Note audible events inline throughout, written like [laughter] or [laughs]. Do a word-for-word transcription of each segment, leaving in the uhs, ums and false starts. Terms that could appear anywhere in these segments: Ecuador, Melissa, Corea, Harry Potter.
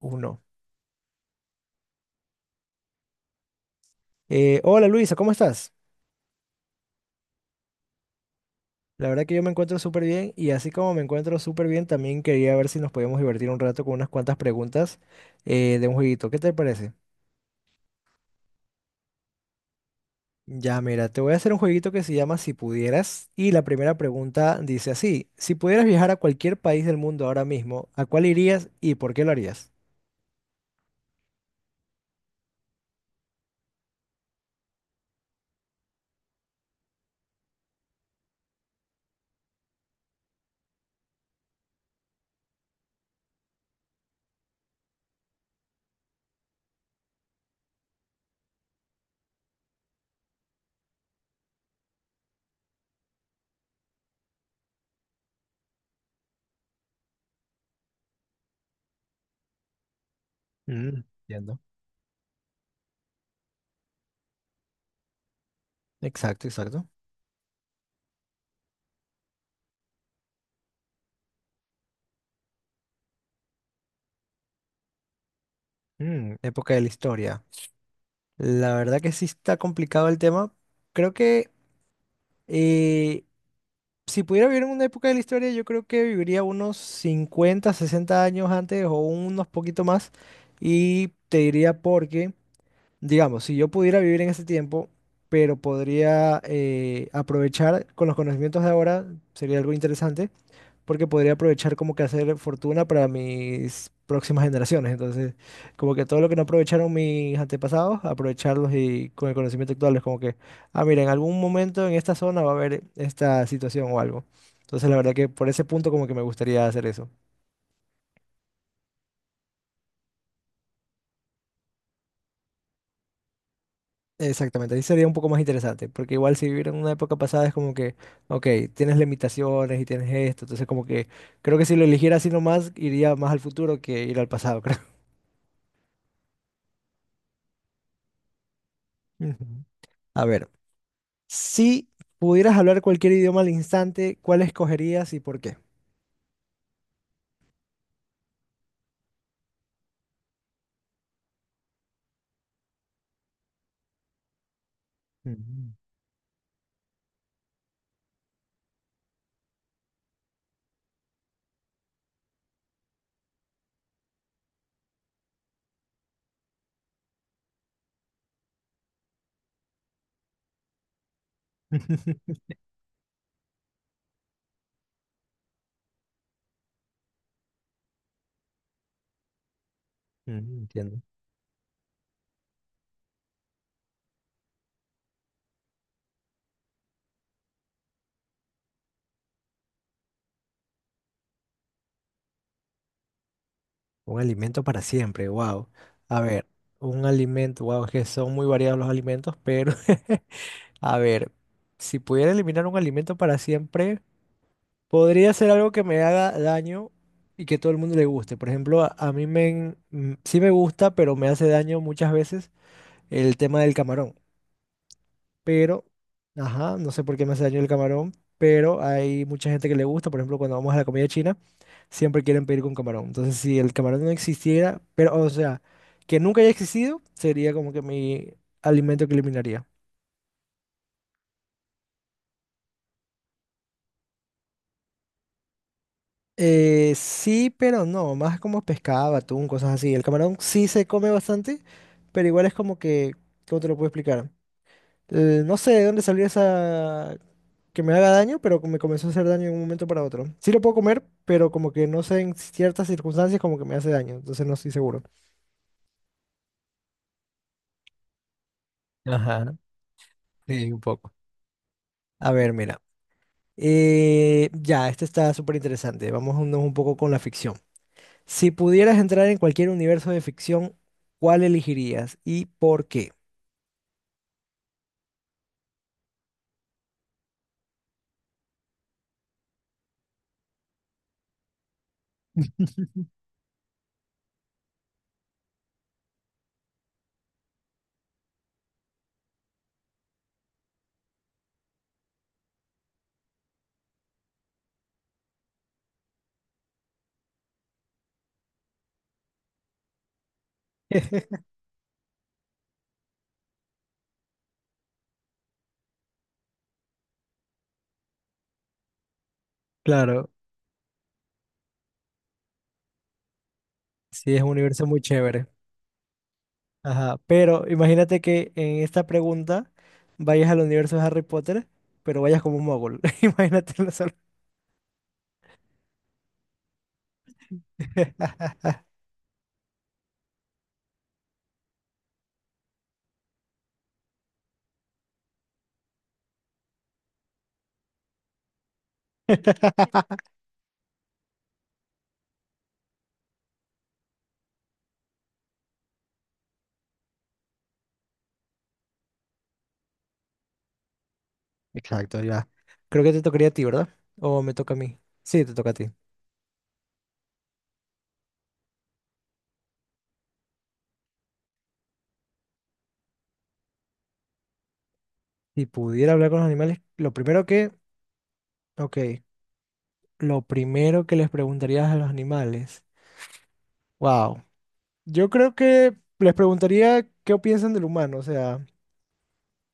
Uno. Eh, hola Luisa, ¿cómo estás? La verdad que yo me encuentro súper bien y así como me encuentro súper bien, también quería ver si nos podíamos divertir un rato con unas cuantas preguntas eh, de un jueguito. ¿Qué te parece? Ya, mira, te voy a hacer un jueguito que se llama Si pudieras y la primera pregunta dice así, si pudieras viajar a cualquier país del mundo ahora mismo, ¿a cuál irías y por qué lo harías? Mm, Entiendo. Exacto, exacto. Mm, época de la historia. La verdad que sí está complicado el tema. Creo que Eh, si pudiera vivir en una época de la historia, yo creo que viviría unos cincuenta, sesenta años antes o unos poquito más. Y te diría porque, digamos, si yo pudiera vivir en ese tiempo, pero podría eh, aprovechar con los conocimientos de ahora, sería algo interesante porque podría aprovechar como que hacer fortuna para mis próximas generaciones. Entonces, como que todo lo que no aprovecharon mis antepasados, aprovecharlos y con el conocimiento actual es como que, ah, mira, en algún momento en esta zona va a haber esta situación o algo. Entonces, la verdad que por ese punto como que me gustaría hacer eso. Exactamente, ahí sería un poco más interesante, porque igual si vivir en una época pasada es como que, ok, tienes limitaciones y tienes esto, entonces como que creo que si lo eligiera así nomás, iría más al futuro que ir al pasado, [laughs] creo. Ujú. A ver. Si pudieras hablar cualquier idioma al instante, ¿cuál escogerías y por qué? Mm. [laughs] Mm, Entiendo. Un alimento para siempre, wow. A ver, un alimento, wow, es que son muy variados los alimentos, pero [laughs] a ver, si pudiera eliminar un alimento para siempre, podría ser algo que me haga daño y que todo el mundo le guste. Por ejemplo, a, a mí me, en- mm, sí me gusta, pero me hace daño muchas veces el tema del camarón. Pero, ajá, no sé por qué me hace daño el camarón, pero hay mucha gente que le gusta, por ejemplo, cuando vamos a la comida china, siempre quieren pedir con camarón. Entonces, si el camarón no existiera, pero, o sea, que nunca haya existido, sería como que mi alimento que eliminaría. Eh, sí, pero no, más como pescado, atún, cosas así. El camarón sí se come bastante, pero igual es como que, ¿cómo te lo puedo explicar? Eh, no sé de dónde salió esa que me haga daño, pero me comenzó a hacer daño de un momento para otro. Sí lo puedo comer, pero como que no sé en ciertas circunstancias como que me hace daño, entonces no estoy seguro. Ajá, sí, un poco. A ver, mira. Eh, ya, este está súper interesante. Vámonos un poco con la ficción. Si pudieras entrar en cualquier universo de ficción, ¿cuál elegirías y por qué? [laughs] [laughs] Claro, sí, es un universo muy chévere. Ajá, pero imagínate que en esta pregunta vayas al universo de Harry Potter, pero vayas como un mogul. [laughs] Imagínate la solución. [laughs] Exacto, ya. Creo que te tocaría a ti, ¿verdad? ¿O me toca a mí? Sí, te toca a ti. Si pudiera hablar con los animales, lo primero que, ok, lo primero que les preguntarías a los animales, wow, yo creo que les preguntaría qué piensan del humano, o sea,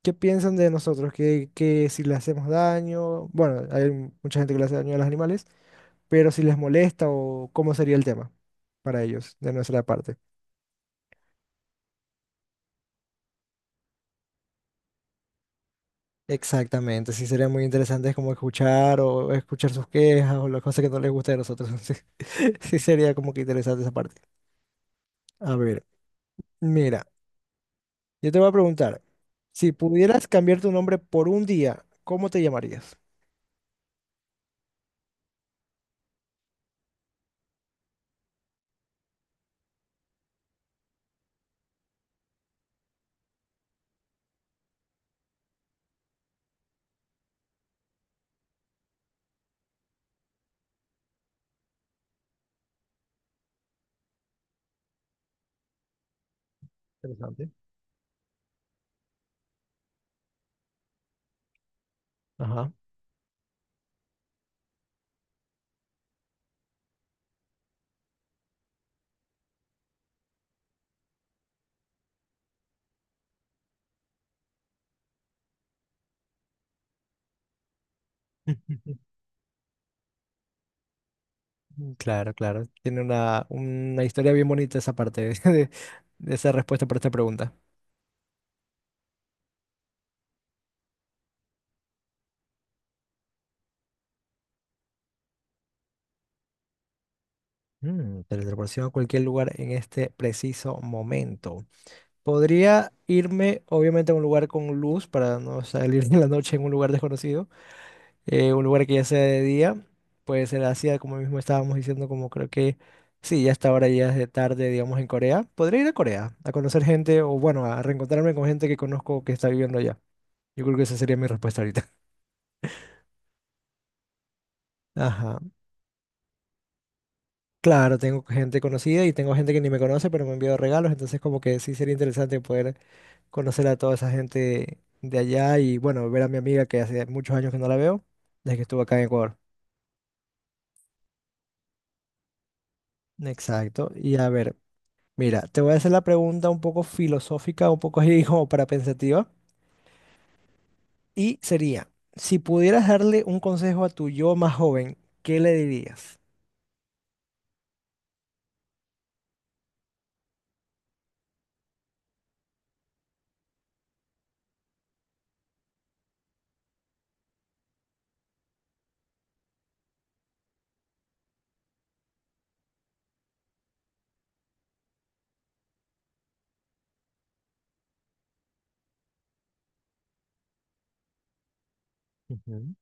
qué piensan de nosotros, que, que si le hacemos daño, bueno, hay mucha gente que le hace daño a los animales, pero si les molesta o cómo sería el tema para ellos de nuestra parte. Exactamente, sí sería muy interesante como escuchar o escuchar sus quejas o las cosas que no les gusta de nosotros. [laughs] Sí, sí sería como que interesante esa parte. A ver, mira, yo te voy a preguntar, si pudieras cambiar tu nombre por un día, ¿cómo te llamarías? Interesante. Ajá. [laughs] Claro, claro. Tiene una, una, historia bien bonita esa parte [laughs] de, de esa respuesta para esta pregunta. Mm, teletransportación a cualquier lugar en este preciso momento. Podría irme, obviamente, a un lugar con luz para no salir [laughs] en la noche en un lugar desconocido, eh, un lugar que ya sea de día. Puede ser Asia, como mismo estábamos diciendo, como creo que sí, ya hasta ahora ya es de tarde, digamos, en Corea. Podría ir a Corea a conocer gente o, bueno, a reencontrarme con gente que conozco que está viviendo allá. Yo creo que esa sería mi respuesta ahorita. [laughs] Ajá. Claro, tengo gente conocida y tengo gente que ni me conoce, pero me ha enviado regalos, entonces como que sí sería interesante poder conocer a toda esa gente de allá y bueno, ver a mi amiga que hace muchos años que no la veo, desde que estuvo acá en Ecuador. Exacto. Y a ver, mira, te voy a hacer la pregunta un poco filosófica, un poco [laughs] así como para pensativa. Y sería, si pudieras darle un consejo a tu yo más joven, ¿qué le dirías? Ujú,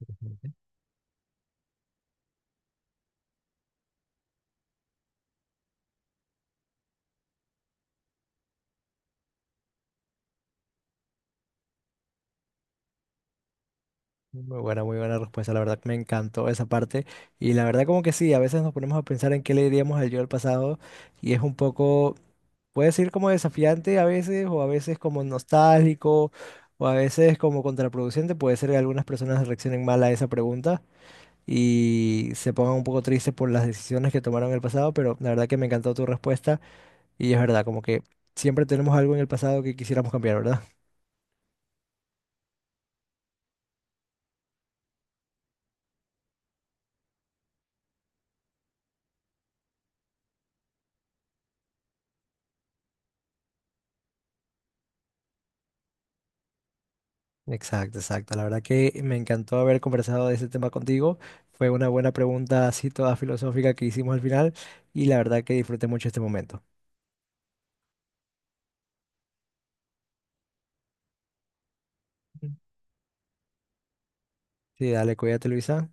ujú. Muy buena, muy buena respuesta. La verdad que me encantó esa parte. Y la verdad como que sí, a veces nos ponemos a pensar en qué le diríamos al yo del pasado y es un poco, puede ser como desafiante a veces o a veces como nostálgico o a veces como contraproducente. Puede ser que algunas personas reaccionen mal a esa pregunta y se pongan un poco tristes por las decisiones que tomaron en el pasado, pero la verdad que me encantó tu respuesta y es verdad, como que siempre tenemos algo en el pasado que quisiéramos cambiar, ¿verdad? Exacto, exacto. La verdad que me encantó haber conversado de ese tema contigo. Fue una buena pregunta así toda filosófica que hicimos al final y la verdad que disfruté mucho este momento. Mm. Sí, dale, cuídate, Luisa.